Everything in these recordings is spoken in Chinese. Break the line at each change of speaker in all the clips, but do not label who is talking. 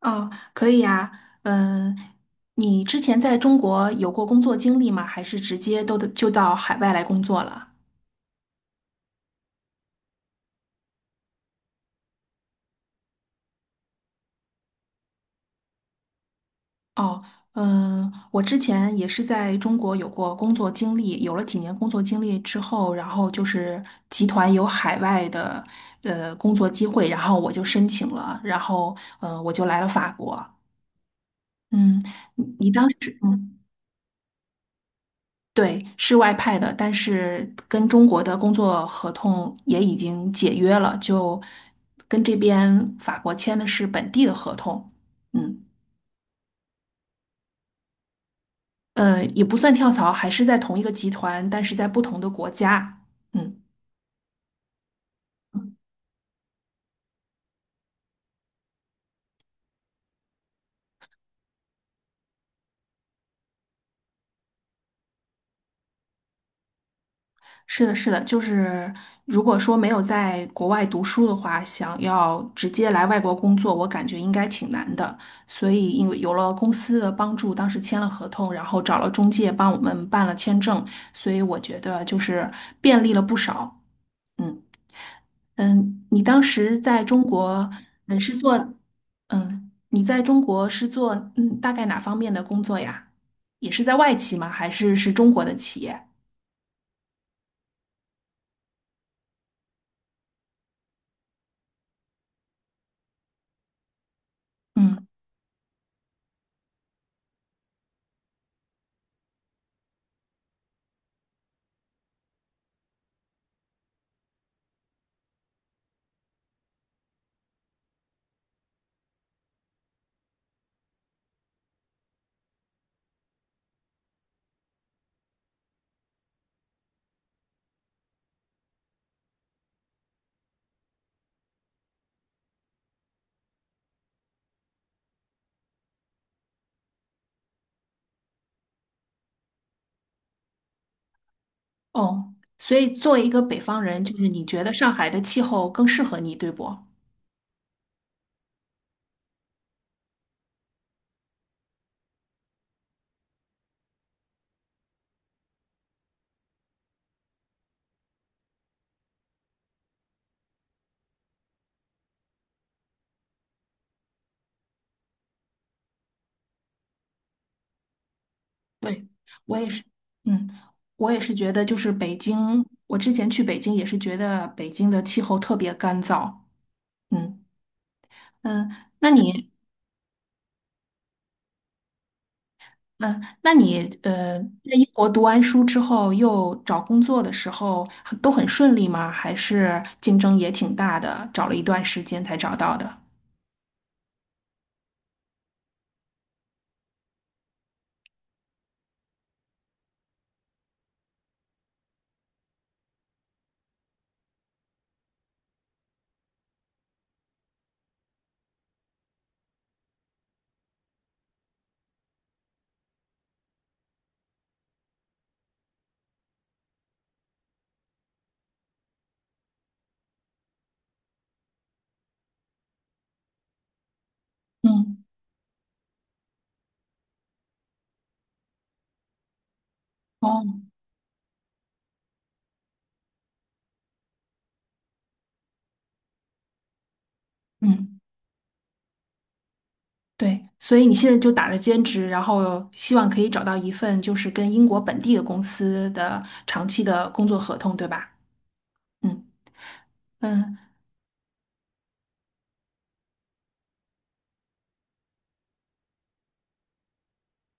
哦，可以呀。嗯，你之前在中国有过工作经历吗？还是直接都得就到海外来工作了？哦。我之前也是在中国有过工作经历，有了几年工作经历之后，然后就是集团有海外的工作机会，然后我就申请了，然后我就来了法国。嗯，你当时。嗯。对，是外派的，但是跟中国的工作合同也已经解约了，就跟这边法国签的是本地的合同。嗯，也不算跳槽，还是在同一个集团，但是在不同的国家。嗯。是的，是的，就是如果说没有在国外读书的话，想要直接来外国工作，我感觉应该挺难的。所以因为有了公司的帮助，当时签了合同，然后找了中介帮我们办了签证，所以我觉得就是便利了不少。嗯你当时在中国，嗯，是做嗯，你在中国是做大概哪方面的工作呀？也是在外企吗？还是是中国的企业？嗯。哦，所以作为一个北方人，就是你觉得上海的气候更适合你，对不？对，我也是。嗯，我也是觉得，就是北京，我之前去北京也是觉得北京的气候特别干燥。嗯嗯，那你，嗯，那你，在英国读完书之后，又找工作的时候很都很顺利吗？还是竞争也挺大的，找了一段时间才找到的？嗯。哦。嗯。对，所以你现在就打着兼职，然后希望可以找到一份就是跟英国本地的公司的长期的工作合同，对吧？嗯嗯，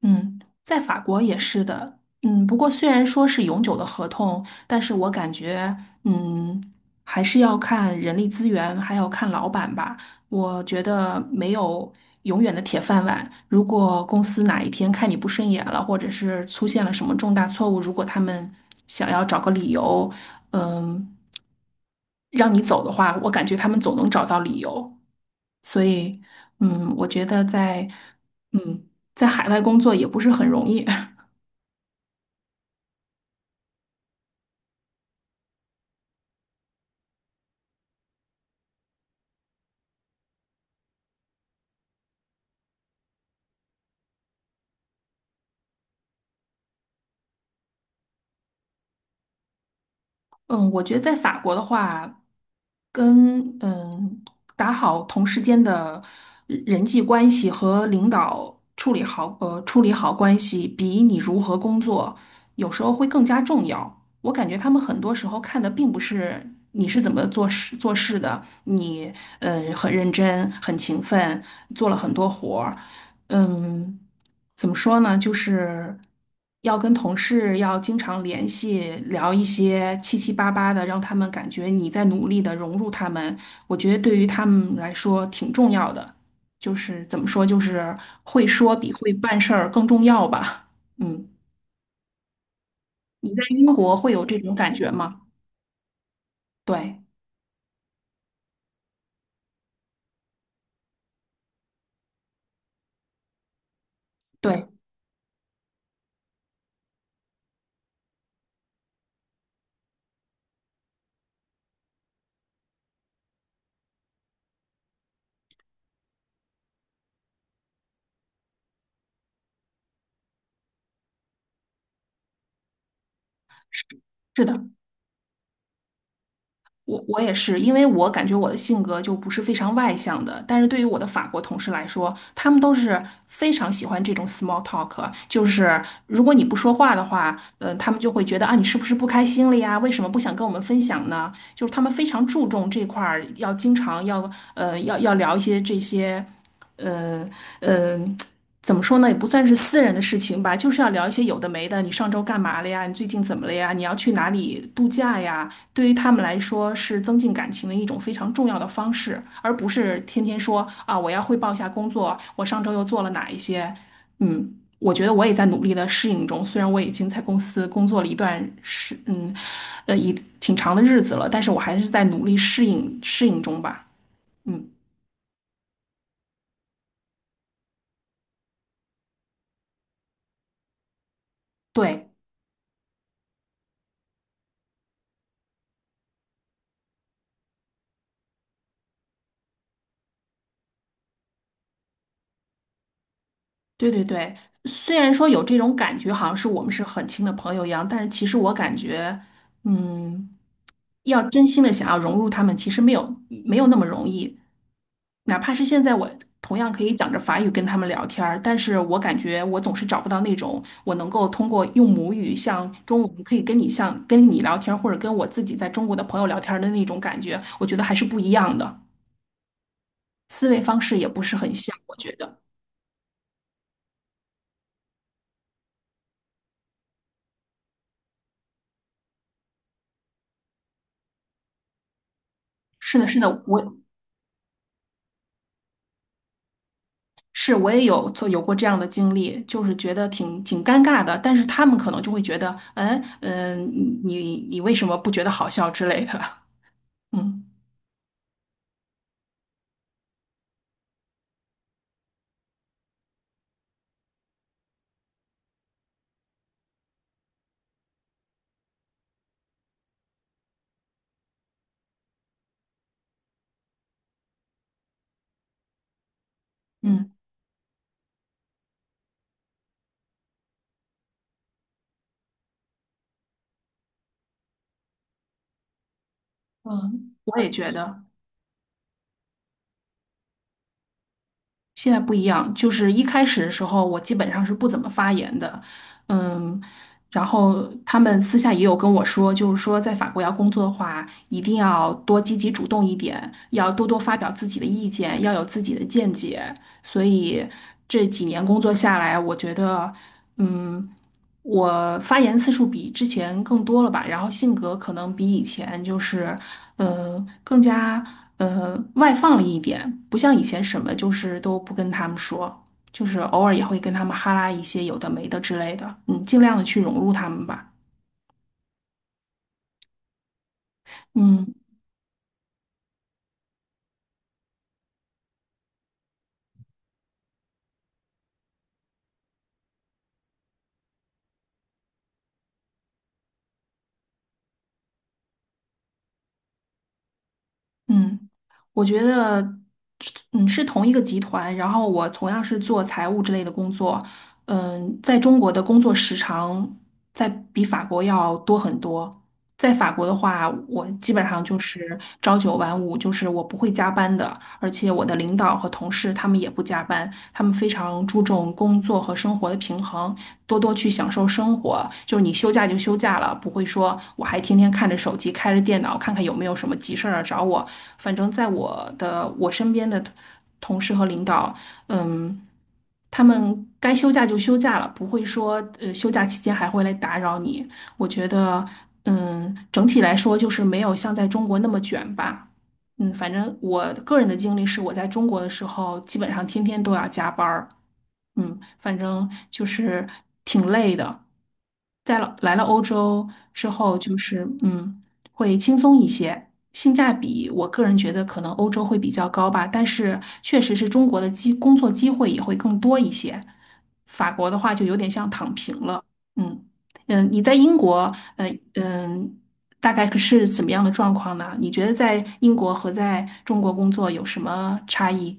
嗯，在法国也是的。嗯，不过虽然说是永久的合同，但是我感觉，嗯，还是要看人力资源，还要看老板吧。我觉得没有永远的铁饭碗。如果公司哪一天看你不顺眼了，或者是出现了什么重大错误，如果他们想要找个理由，嗯，让你走的话，我感觉他们总能找到理由。所以，我觉得在。嗯，在海外工作也不是很容易。嗯，我觉得在法国的话，跟打好同事间的人际关系和领导处理好关系，比你如何工作有时候会更加重要。我感觉他们很多时候看的并不是你是怎么做事的，你很认真、很勤奋，做了很多活儿。嗯，怎么说呢？就是要跟同事要经常联系，聊一些七七八八的，让他们感觉你在努力的融入他们。我觉得对于他们来说挺重要的，就是怎么说，就是会说比会办事儿更重要吧。嗯，你在英国会有这种感觉吗？对，对，是的。我也是，因为我感觉我的性格就不是非常外向的，但是对于我的法国同事来说，他们都是非常喜欢这种 small talk,就是如果你不说话的话，他们就会觉得啊，你是不是不开心了呀？为什么不想跟我们分享呢？就是他们非常注重这块儿，要经常要聊一些这些呃呃怎么说呢，也不算是私人的事情吧，就是要聊一些有的没的。你上周干嘛了呀？你最近怎么了呀？你要去哪里度假呀？对于他们来说，是增进感情的一种非常重要的方式，而不是天天说啊，我要汇报一下工作，我上周又做了哪一些。嗯，我觉得我也在努力的适应中，虽然我已经在公司工作了一段时，一挺长的日子了，但是我还是在努力适应中吧。嗯，对。对对对，虽然说有这种感觉，好像是我们是很亲的朋友一样，但是其实我感觉，嗯，要真心的想要融入他们，其实没有那么容易。哪怕是现在我同样可以讲着法语跟他们聊天儿，但是我感觉我总是找不到那种我能够通过用母语像中文可以跟你像跟你聊天儿，或者跟我自己在中国的朋友聊天儿的那种感觉，我觉得还是不一样的，思维方式也不是很像，我觉得。是的，是的，我是，我也有过这样的经历，就是觉得挺挺尴尬的，但是他们可能就会觉得，嗯嗯，你为什么不觉得好笑之类的？嗯嗯嗯，我也觉得现在不一样，就是一开始的时候，我基本上是不怎么发言的，嗯，然后他们私下也有跟我说，就是说在法国要工作的话，一定要多积极主动一点，要多多发表自己的意见，要有自己的见解。所以这几年工作下来，我觉得，嗯，我发言次数比之前更多了吧，然后性格可能比以前就是，更加外放了一点，不像以前什么就是都不跟他们说，就是偶尔也会跟他们哈拉一些有的没的之类的，尽量的去融入他们吧。嗯。嗯，我觉得，是同一个集团，然后我同样是做财务之类的工作。在中国的工作时长在比法国要多很多。在法国的话，我基本上就是朝九晚五，就是我不会加班的，而且我的领导和同事他们也不加班，他们非常注重工作和生活的平衡，多多去享受生活。就是你休假就休假了，不会说我还天天看着手机，开着电脑看看有没有什么急事儿啊找我。反正在我的我身边的同事和领导，嗯，他们该休假就休假了，不会说休假期间还会来打扰你。我觉得，整体来说就是没有像在中国那么卷吧。反正我个人的经历是，我在中国的时候，基本上天天都要加班儿。反正就是挺累的。来了欧洲之后，就是会轻松一些，性价比我个人觉得可能欧洲会比较高吧，但是确实是中国的工作机会也会更多一些。法国的话就有点像躺平了。嗯你在英国，嗯。大概是怎么样的状况呢？你觉得在英国和在中国工作有什么差异？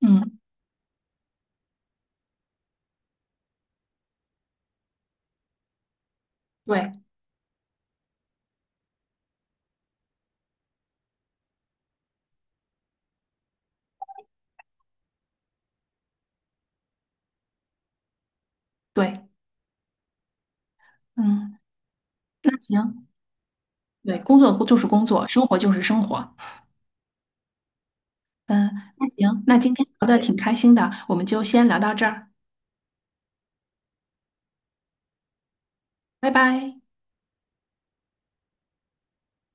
嗯，对对。嗯，那行。对，工作就是工作，生活就是生活。嗯，那行，那今天聊的挺开心的，我们就先聊到这儿，拜拜。